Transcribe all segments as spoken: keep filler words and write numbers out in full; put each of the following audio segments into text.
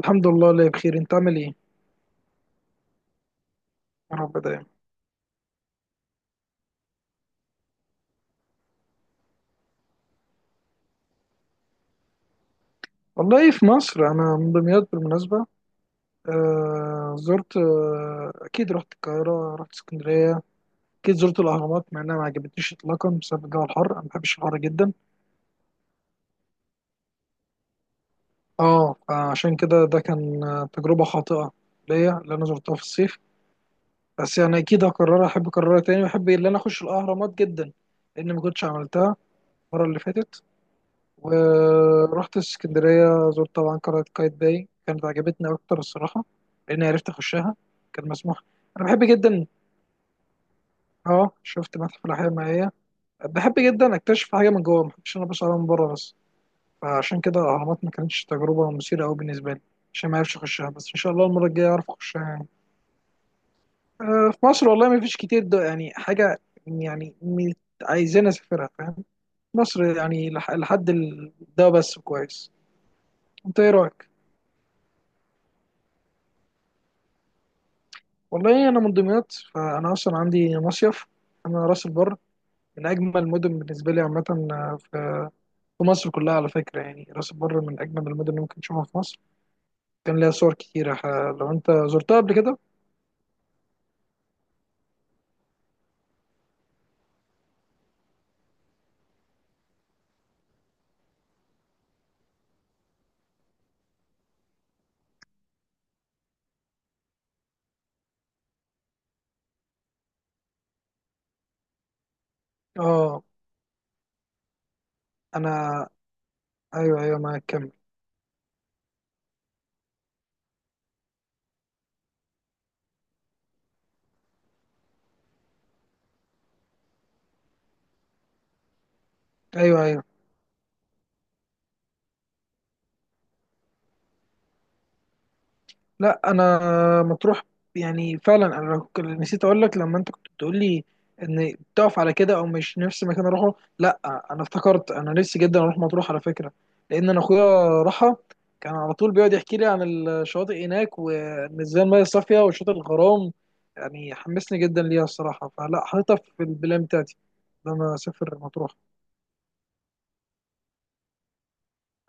الحمد لله اللي بخير. انت عامل ايه؟ يا رب دايما. والله في مصر، انا من دمياط بالمناسبه. آه زرت آه اكيد رحت القاهره، رحت اسكندريه. اكيد زرت الاهرامات، مع انها ما عجبتنيش اطلاقا بسبب الجو الحر. انا ما بحبش الحر جدا. اه، فعشان كده ده كان آه، تجربه خاطئه ليا اللي انا زرتها في الصيف. بس يعني اكيد هكررها، احب اكررها تاني، واحب ان انا اخش الاهرامات جدا لان ما كنتش عملتها المره اللي فاتت. ورحت اسكندرية، زرت طبعا قلعة قايتباي، كانت عجبتني أكتر الصراحة لأني عرفت أخشها. كان مسموح. أنا بحب جدا. أه شفت متحف الأحياء المائية. بحب جدا أكتشف حاجة من جوه، مبحبش أنا بس عليها من بره بس. فعشان كده الأهرامات ما كانتش تجربة مثيرة أوي بالنسبة لي، عشان ما عرفش أخشها. بس إن شاء الله المرة الجاية أعرف أخشها يعني. أه في مصر والله ما فيش كتير، ده يعني حاجة يعني م- عايزين أسافرها، فاهم. مصر يعني لح- لحد ال- ده بس كويس. أنت إيه رأيك؟ والله انا من دمياط، فانا اصلا عندي مصيف. انا راس البر، من اجمل المدن بالنسبه لي عامه. آه، في في مصر كلها على فكره، يعني راس البر من اجمل المدن اللي ممكن تشوفها في مصر. كان ليها صور كتيره، ح- لو انت زرتها قبل كده. اه. انا، ايوه، ايوه، ما كمل. ايوه، ايوه. لا، انا مطروح، يعني فعلا انا ك- نسيت اقول لك لما انت كنت بتقول لي ان بتقف على كده او مش نفس مكان اروحه. لا، انا افتكرت انا نفسي جدا اروح مطروح على فكره، لان انا اخويا راحها، كان على طول بيقعد يحكي لي عن الشواطئ هناك وان ازاي الميه صافيه وشاطئ الغرام. يعني حمسني جدا ليها الصراحه، فلا حاططها في البلان بتاعتي ان انا اسافر مطروح.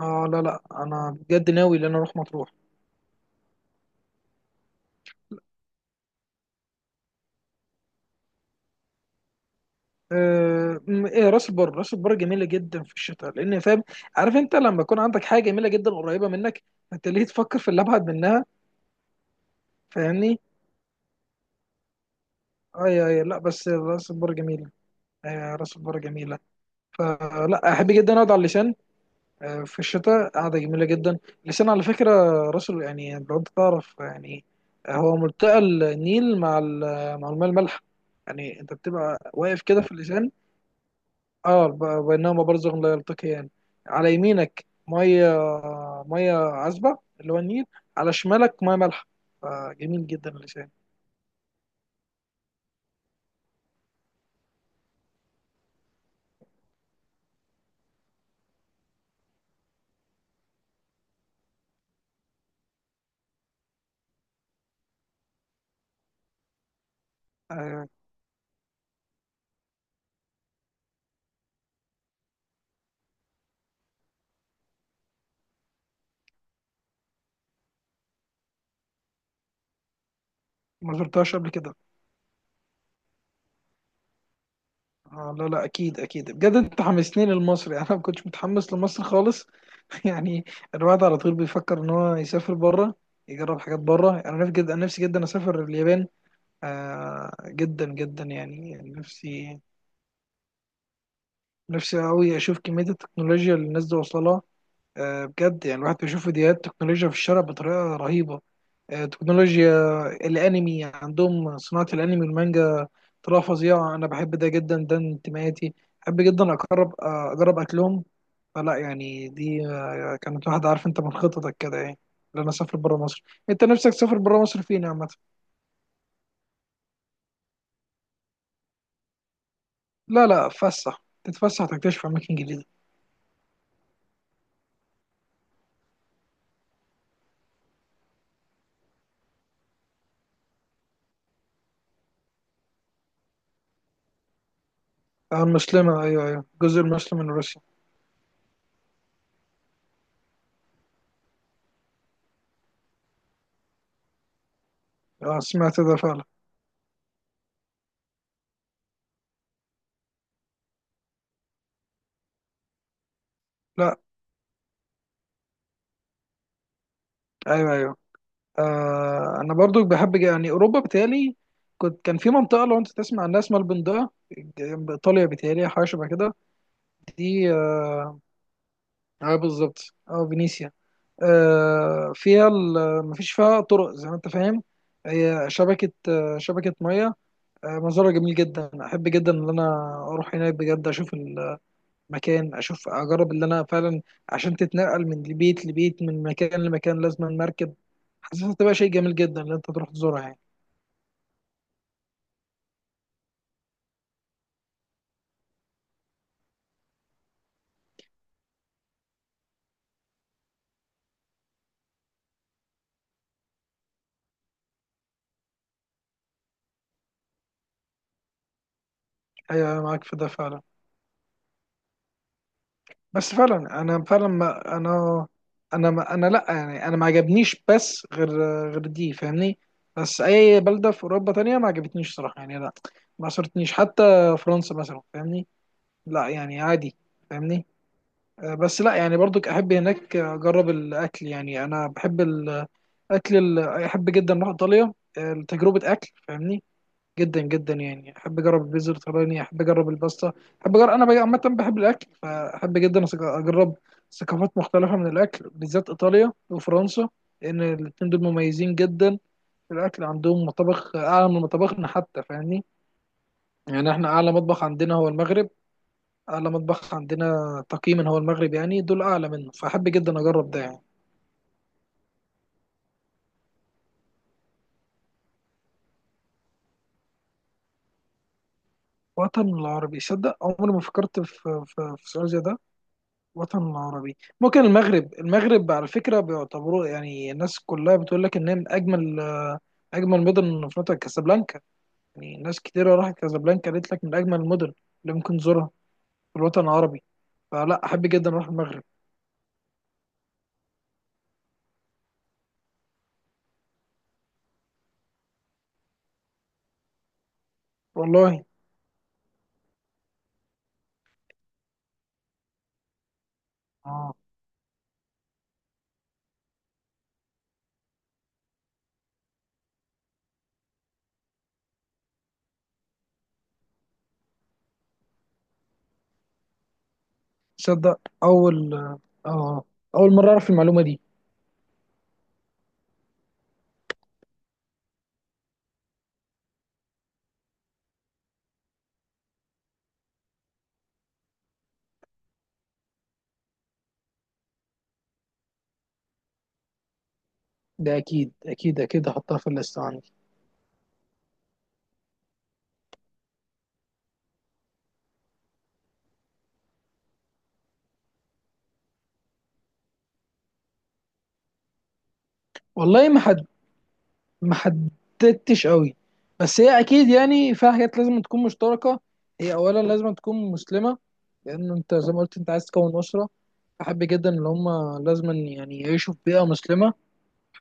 اه لا، لا، انا بجد ناوي ان انا اروح مطروح. آه، م- ايه، راس البر، راس البر جميله جدا في الشتاء لان، فاهم، عارف انت لما يكون عندك حاجه جميله جدا قريبه منك، انت ليه تفكر في اللي ابعد منها؟ فاهمني. اي، اي، لا بس راس البر جميله. آه، راس البر جميله. فلا احب جدا اقعد على اللسان. آه، في الشتاء قاعده جميله جدا. اللسان على فكره، راس ال- يعني لو انت تعرف يعني. آه، هو ملتقى النيل مع ال- مع الماء المالح، يعني انت بتبقى واقف كده في اللسان. اه، ب- بينهما برزخ لا يلتقيان. على يمينك ميه، ميه عذبه اللي هو النيل. على شمالك ميه مالحه. فجميل جدا اللسان. آه ما زرتهاش قبل كده. آه لا، لا، اكيد، اكيد بجد انت حمسني لمصر يعني انا ما كنتش متحمس لمصر خالص. يعني الواحد على طول بيفكر ان هو يسافر بره، يجرب حاجات بره. انا نفسي جدا، انا نفسي جدا اسافر اليابان. آه جدا، جدا يعني يعني نفسي. نفسي قوي اشوف كميه التكنولوجيا اللي الناس دي واصله لها. آه، بجد يعني الواحد بيشوف فيديوهات تكنولوجيا في الشارع بطريقة رهيبة. آه، تكنولوجيا الأنمي عندهم، صناعة الأنمي والمانجا، طريقة فظيعة. أنا بحب ده جدا، ده انتمائي. بحب جدا أقرب آه، أجرب أكلهم. فلا يعني دي آه، كانت واحدة، عارف أنت، من خططك كده يعني، إن أنا أسافر برا مصر. أنت نفسك تسافر برا مصر فين يا عامة؟ لا، لا، فسح تتفسح، تكتشف أماكن جديدة. آه، المسلمة، أيوه، أيوه، الجزء المسلم من روسيا. آه، سمعت ده فعلا. لا. أيوه، أيوه. آه انا برضو بحب يعني اوروبا بتالي. كنت كان في منطقه، لو انت تسمع عنها اسمها البندقه، جنب ايطاليا بتالي، حاجه شبه كده. دي اه. آه، بالظبط اه فينيسيا. آه فيها ال- مفيش فيها طرق زي ما انت فاهم. هي شبكه، آه شبكه ميه. آه منظرها جميل جدا، احب جدا ان انا اروح هناك بجد اشوف المكان، اشوف اجرب اللي انا فعلا. عشان تتنقل من بيت لبيت، من مكان لمكان لازم مركب. حاسسها تبقى شيء جميل جدا ان انت تروح تزورها يعني. ايوه، أيوة، معاك في ده فعلا. بس فعلا انا فعلا ما انا، انا ما انا، لا يعني انا ما عجبنيش بس غير غير دي، فاهمني. بس اي بلده في اوروبا تانية ما عجبتنيش صراحه يعني، لا. ما صرتنيش حتى، فرنسا مثلا، فاهمني. لا يعني عادي. فاهمني. آه، بس لا يعني برضك احب هناك اجرب الاكل، يعني انا بحب الاكل. ال- احب جدا اروح ايطاليا، آه، لتجربه اكل، فاهمني. جدا، جدا يعني احب اجرب البيتزا الايطالية، احب اجرب الباستا، احب اجرب، انا بقى عامه بحب الاكل، فاحب جدا أس- اجرب ثقافات مختلفه من الاكل، بالذات ايطاليا وفرنسا، لان الاتنين دول مميزين جدا في الاكل. عندهم مطابخ اعلى من مطابخنا حتى، فاهمني. يعني احنا اعلى مطبخ عندنا هو المغرب. اعلى مطبخ عندنا تقييما هو المغرب، يعني دول اعلى منه، فاحب جدا اجرب ده يعني. وطن العربي، صدق عمري ما فكرت في في, في سؤال زي ده. الوطن العربي ممكن المغرب، المغرب على فكرة بيعتبروه، يعني الناس كلها بتقول لك إنها من أجمل آه، أجمل مدن من أفريقيا، كازابلانكا. يعني ناس كتيرة راحت كازابلانكا، قالت لك من أجمل المدن اللي ممكن تزورها في الوطن العربي. فلا أحب جدا أروح المغرب. والله. اه. تصدق أول آه أول مرة أعرف المعلومة دي. ده أكيد، أكيد، أكيد هحطها في الليست عندي. والله، ما ما حددتش قوي. بس هي اكيد يعني فيها حاجات لازم تكون مشتركه. هي اولا لازم تكون مسلمه، لان انت زي ما قلت انت عايز تكون اسره. بحب جدا ان هم لازم يعني يعيشوا في بيئه مسلمه،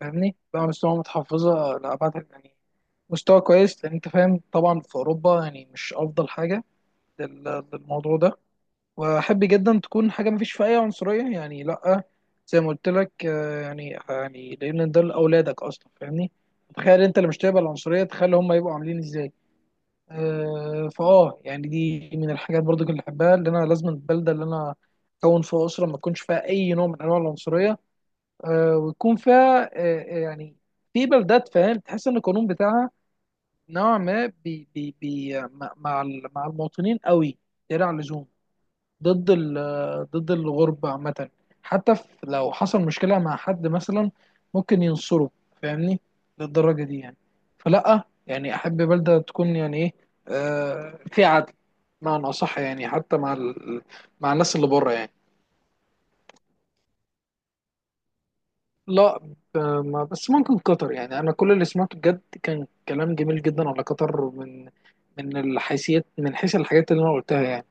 فاهمني، بيئه مسلمه متحفظه لابعد يعني، مستوى كويس، لان انت فاهم طبعا في اوروبا يعني مش افضل حاجه لل- للموضوع ده. واحب جدا تكون حاجه مفيش فيها اي عنصريه يعني، لا، زي ما قلت لك. آه، يعني يعني لان ده لاولادك اصلا، فاهمني، تخيل انت اللي مش تقبل العنصريه، تخيل هم يبقوا عاملين ازاي. آه، فاه يعني دي من الحاجات برضو اللي بحبها، اللي انا لازم البلده اللي انا اكون فيها اسره ما تكونش فيها اي نوع من انواع العنصريه. آه، ويكون فيها آه، آه، يعني في بلدات، فاهم، تحس ان القانون بتاعها نوع ما بي بي بي مع مع المواطنين قوي زيادة عن اللزوم، ضد ال- آه، ضد الغربة عامة. حتى في- لو حصل مشكلة مع حد مثلا ممكن ينصره، فاهمني، للدرجة دي يعني. فلأ يعني، أحب بلدة تكون يعني إيه، آه في عدل، معنى أصح يعني، حتى مع ال... مع الناس اللي بره يعني. لا. ب- ما- بس ممكن قطر، يعني أنا كل اللي سمعته بجد كان كلام جميل جدا على قطر، من من الحيثيات، من حيث الحاجات اللي أنا قلتها يعني.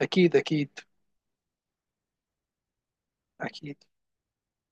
أكيد، أكيد، أكيد.